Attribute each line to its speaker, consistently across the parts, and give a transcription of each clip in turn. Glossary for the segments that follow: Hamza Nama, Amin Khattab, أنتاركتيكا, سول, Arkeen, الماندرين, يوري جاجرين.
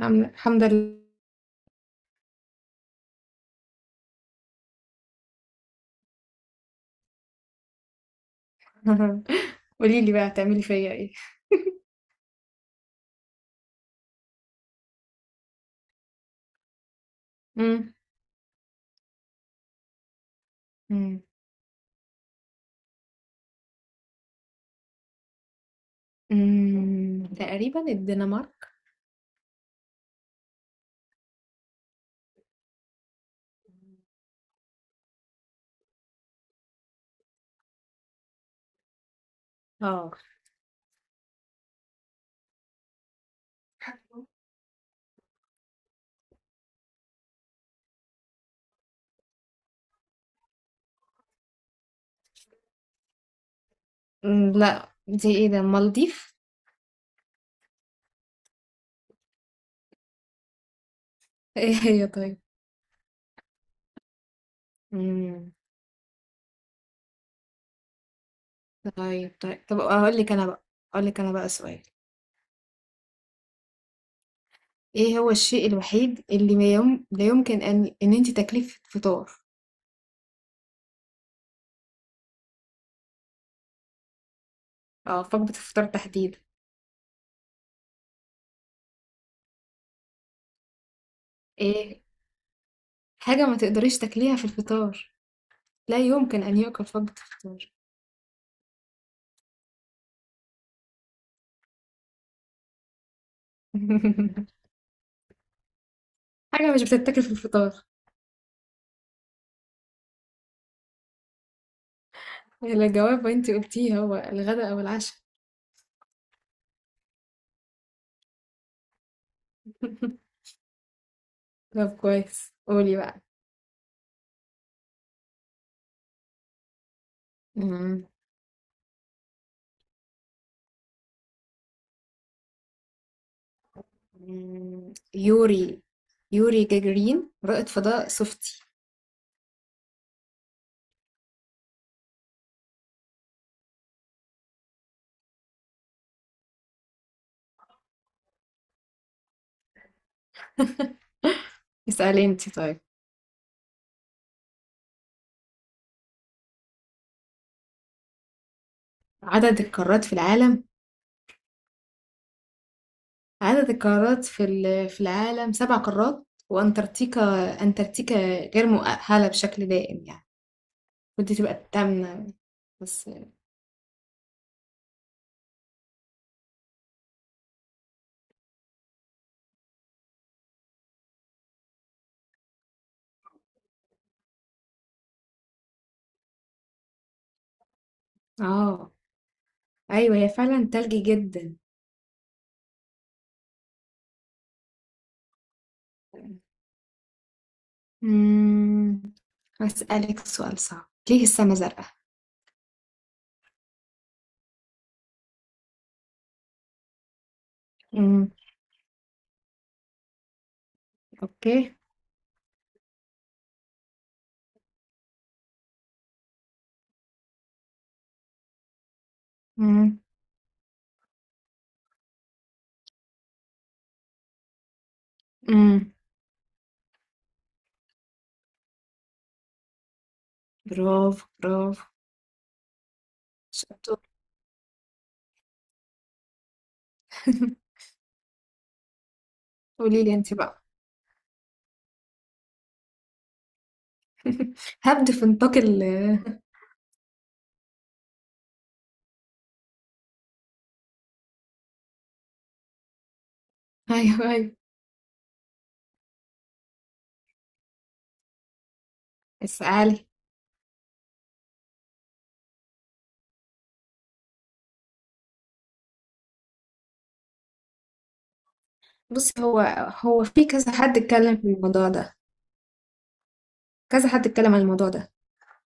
Speaker 1: الحمد لله. قولي لي بقى هتعملي فيا ايه؟ امم امم أمم، تقريبا الدنمارك. اه. لا، دي ايه ده؟ المالديف. ايه هي؟ طيب. امم طيب طيب طب، اقول لك انا بقى سؤال. ايه هو الشيء الوحيد اللي ما يوم... لا يمكن ان انت تاكليه في الفطار؟ اه، وجبة الفطار تحديدا. ايه، حاجة ما تقدريش تاكليها في الفطار، لا يمكن ان يؤكل في وجبة الفطار. حاجة مش بتتاكل في الفطار. الإجابة انتي قلتيها، هو الغداء أو العشاء. طب كويس، قولي بقى. أمم، أمم، يوري. يوري جاجرين رائد فضاء صفتي. اسألي انتي طيب. عدد القارات في العالم. عدد القارات في في العالم 7 قارات وأنتاركتيكا. أنتاركتيكا غير مؤهلة بشكل دائم يعني، كنت تبقى التامنة بس. اه، أيوة، هي فعلا تلجي جدا. أمم، هسألك سؤال صعب: ليه السما زرقاء؟ إمم، أوكي، إمم، إمم، برافو، برافو، شطورة. قولي لي أنتِ بقى. هابدأ في نطاق ال. أيوه، أيوه، اسألي. بُصّي، هو في كذا حد اتكلم في الموضوع ده، كذا حد اتكلم عن الموضوع ده،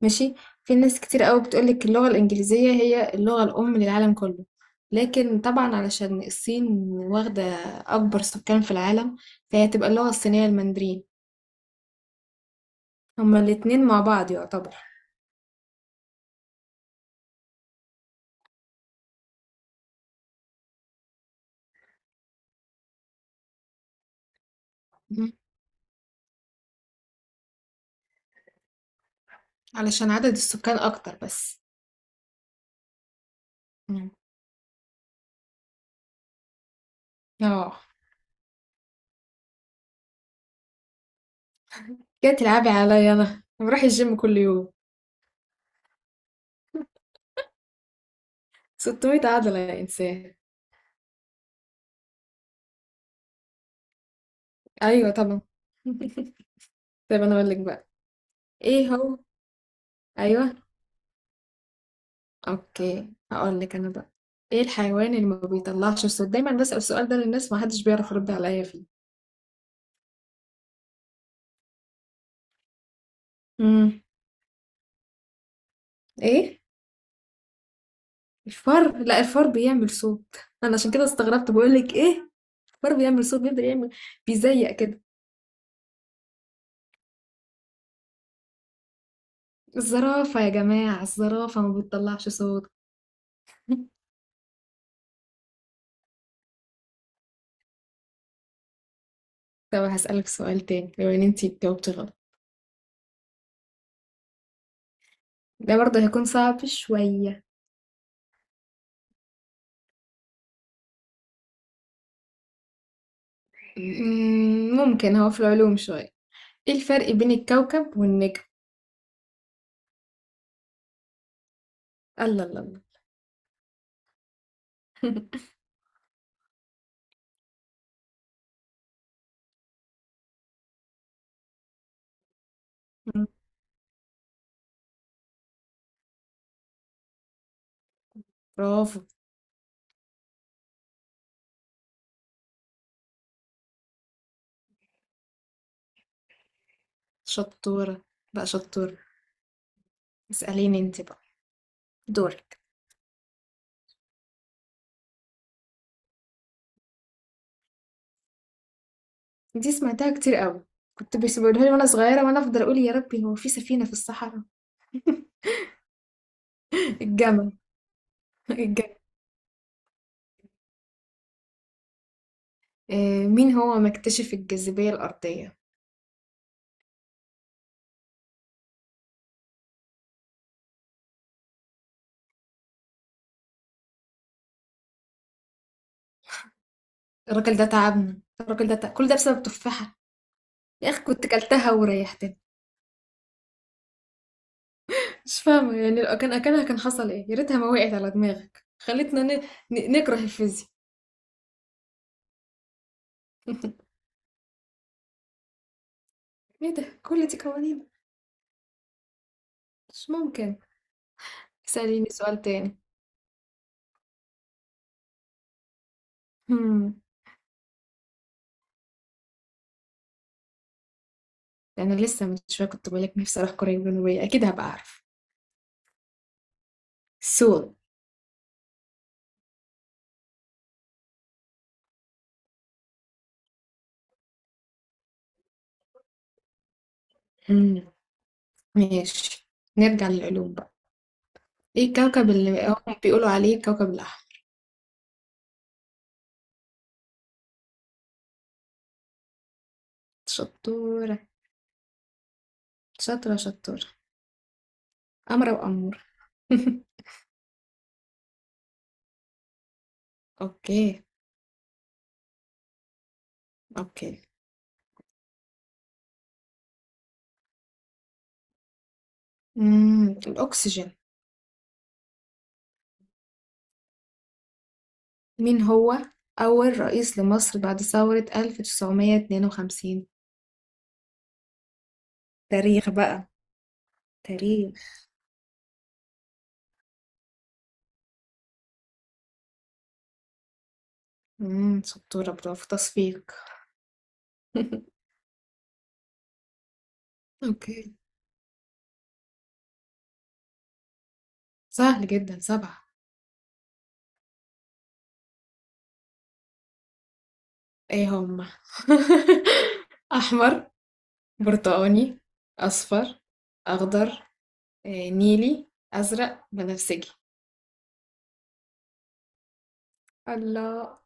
Speaker 1: ماشي، في ناس كتير أوي بتقول لِك اللغة الإنجليزية هي اللغة الأم للعالم كله، لكن طبعًا علشان الصين واخدة أكبر سكان في العالم، فهي هتبقى اللغة الصينية الماندرين، هُم الاتنين مع بعض يعتبر. علشان عدد السكان اكتر بس. مم. اه، جاي تلعبي عليا؟ انا بروح الجيم كل يوم. 600 عضلة يا انسان. ايوه طبعا. طيب انا اقول لك بقى. ايه هو. ايوه. اوكي، هقول لك انا بقى. ايه الحيوان اللي ما بيطلعش صوت؟ دايما بسأل السؤال ده للناس، ما حدش بيعرف يرد عليا فيه. مم. ايه؟ الفار؟ لا، الفار بيعمل صوت. انا عشان كده استغربت بقول لك ايه. الفار بيعمل صوت، بيفضل يعمل، بيزيق كده. الزرافة يا جماعة، الزرافة ما بتطلعش صوت. طب هسألك سؤال تاني لو ان انتي جاوبتي غلط. ده برضه هيكون صعب شوية. مم، ممكن هو في العلوم شوية. ايه الفرق بين الكوكب والنجم؟ الله الله الله. برافو. شطورة، بقى شطورة. اسأليني انتي بقى. دورك. دي سمعتها كتير قوي، كنت بيسيبولها لي وانا صغيرة، وانا افضل اقول: يا ربي، هو في سفينة في الصحراء؟ الجمل. الجمل. مين هو مكتشف الجاذبية الأرضية؟ الراجل ده تعبنا، الراجل ده تعب. كل ده بسبب تفاحة. يا أخي كنت كلتها وريحتني. مش فاهمة، يعني لو كان أكلها كان حصل إيه؟ يا ريتها ما وقعت على دماغك، خلتنا نكره الفيزياء. إيه ده، كل دي قوانين؟ مش ممكن. اسأليني سؤال تاني. هم. أنا لسه من شوية كنت بقولك نفسي أروح كوريا الجنوبية، أكيد هبقى أعرف. سول. ماشي، نرجع للعلوم بقى. ايه الكوكب اللي هم بيقولوا عليه كوكب الأحمر؟ شطورة. شاطرة شطورة، أمرة وأمورة. اوكي. اوكي. الأكسجين. مين هو أول رئيس لمصر بعد ثورة 1952؟ تاريخ بقى. تاريخ. شطورة، برافو، تصفيق. اوكي. سهل جدا، سبعة. ايه هم؟ أحمر، برتقاني، أصفر، أخضر، نيلي، أزرق، بنفسجي. الله.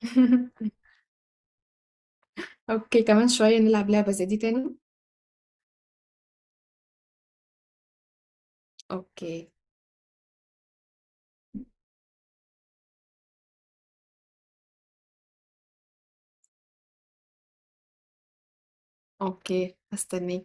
Speaker 1: اوكي، كمان شوية نلعب لعبة زي دي تاني. اوكي. اوكي، هستناك.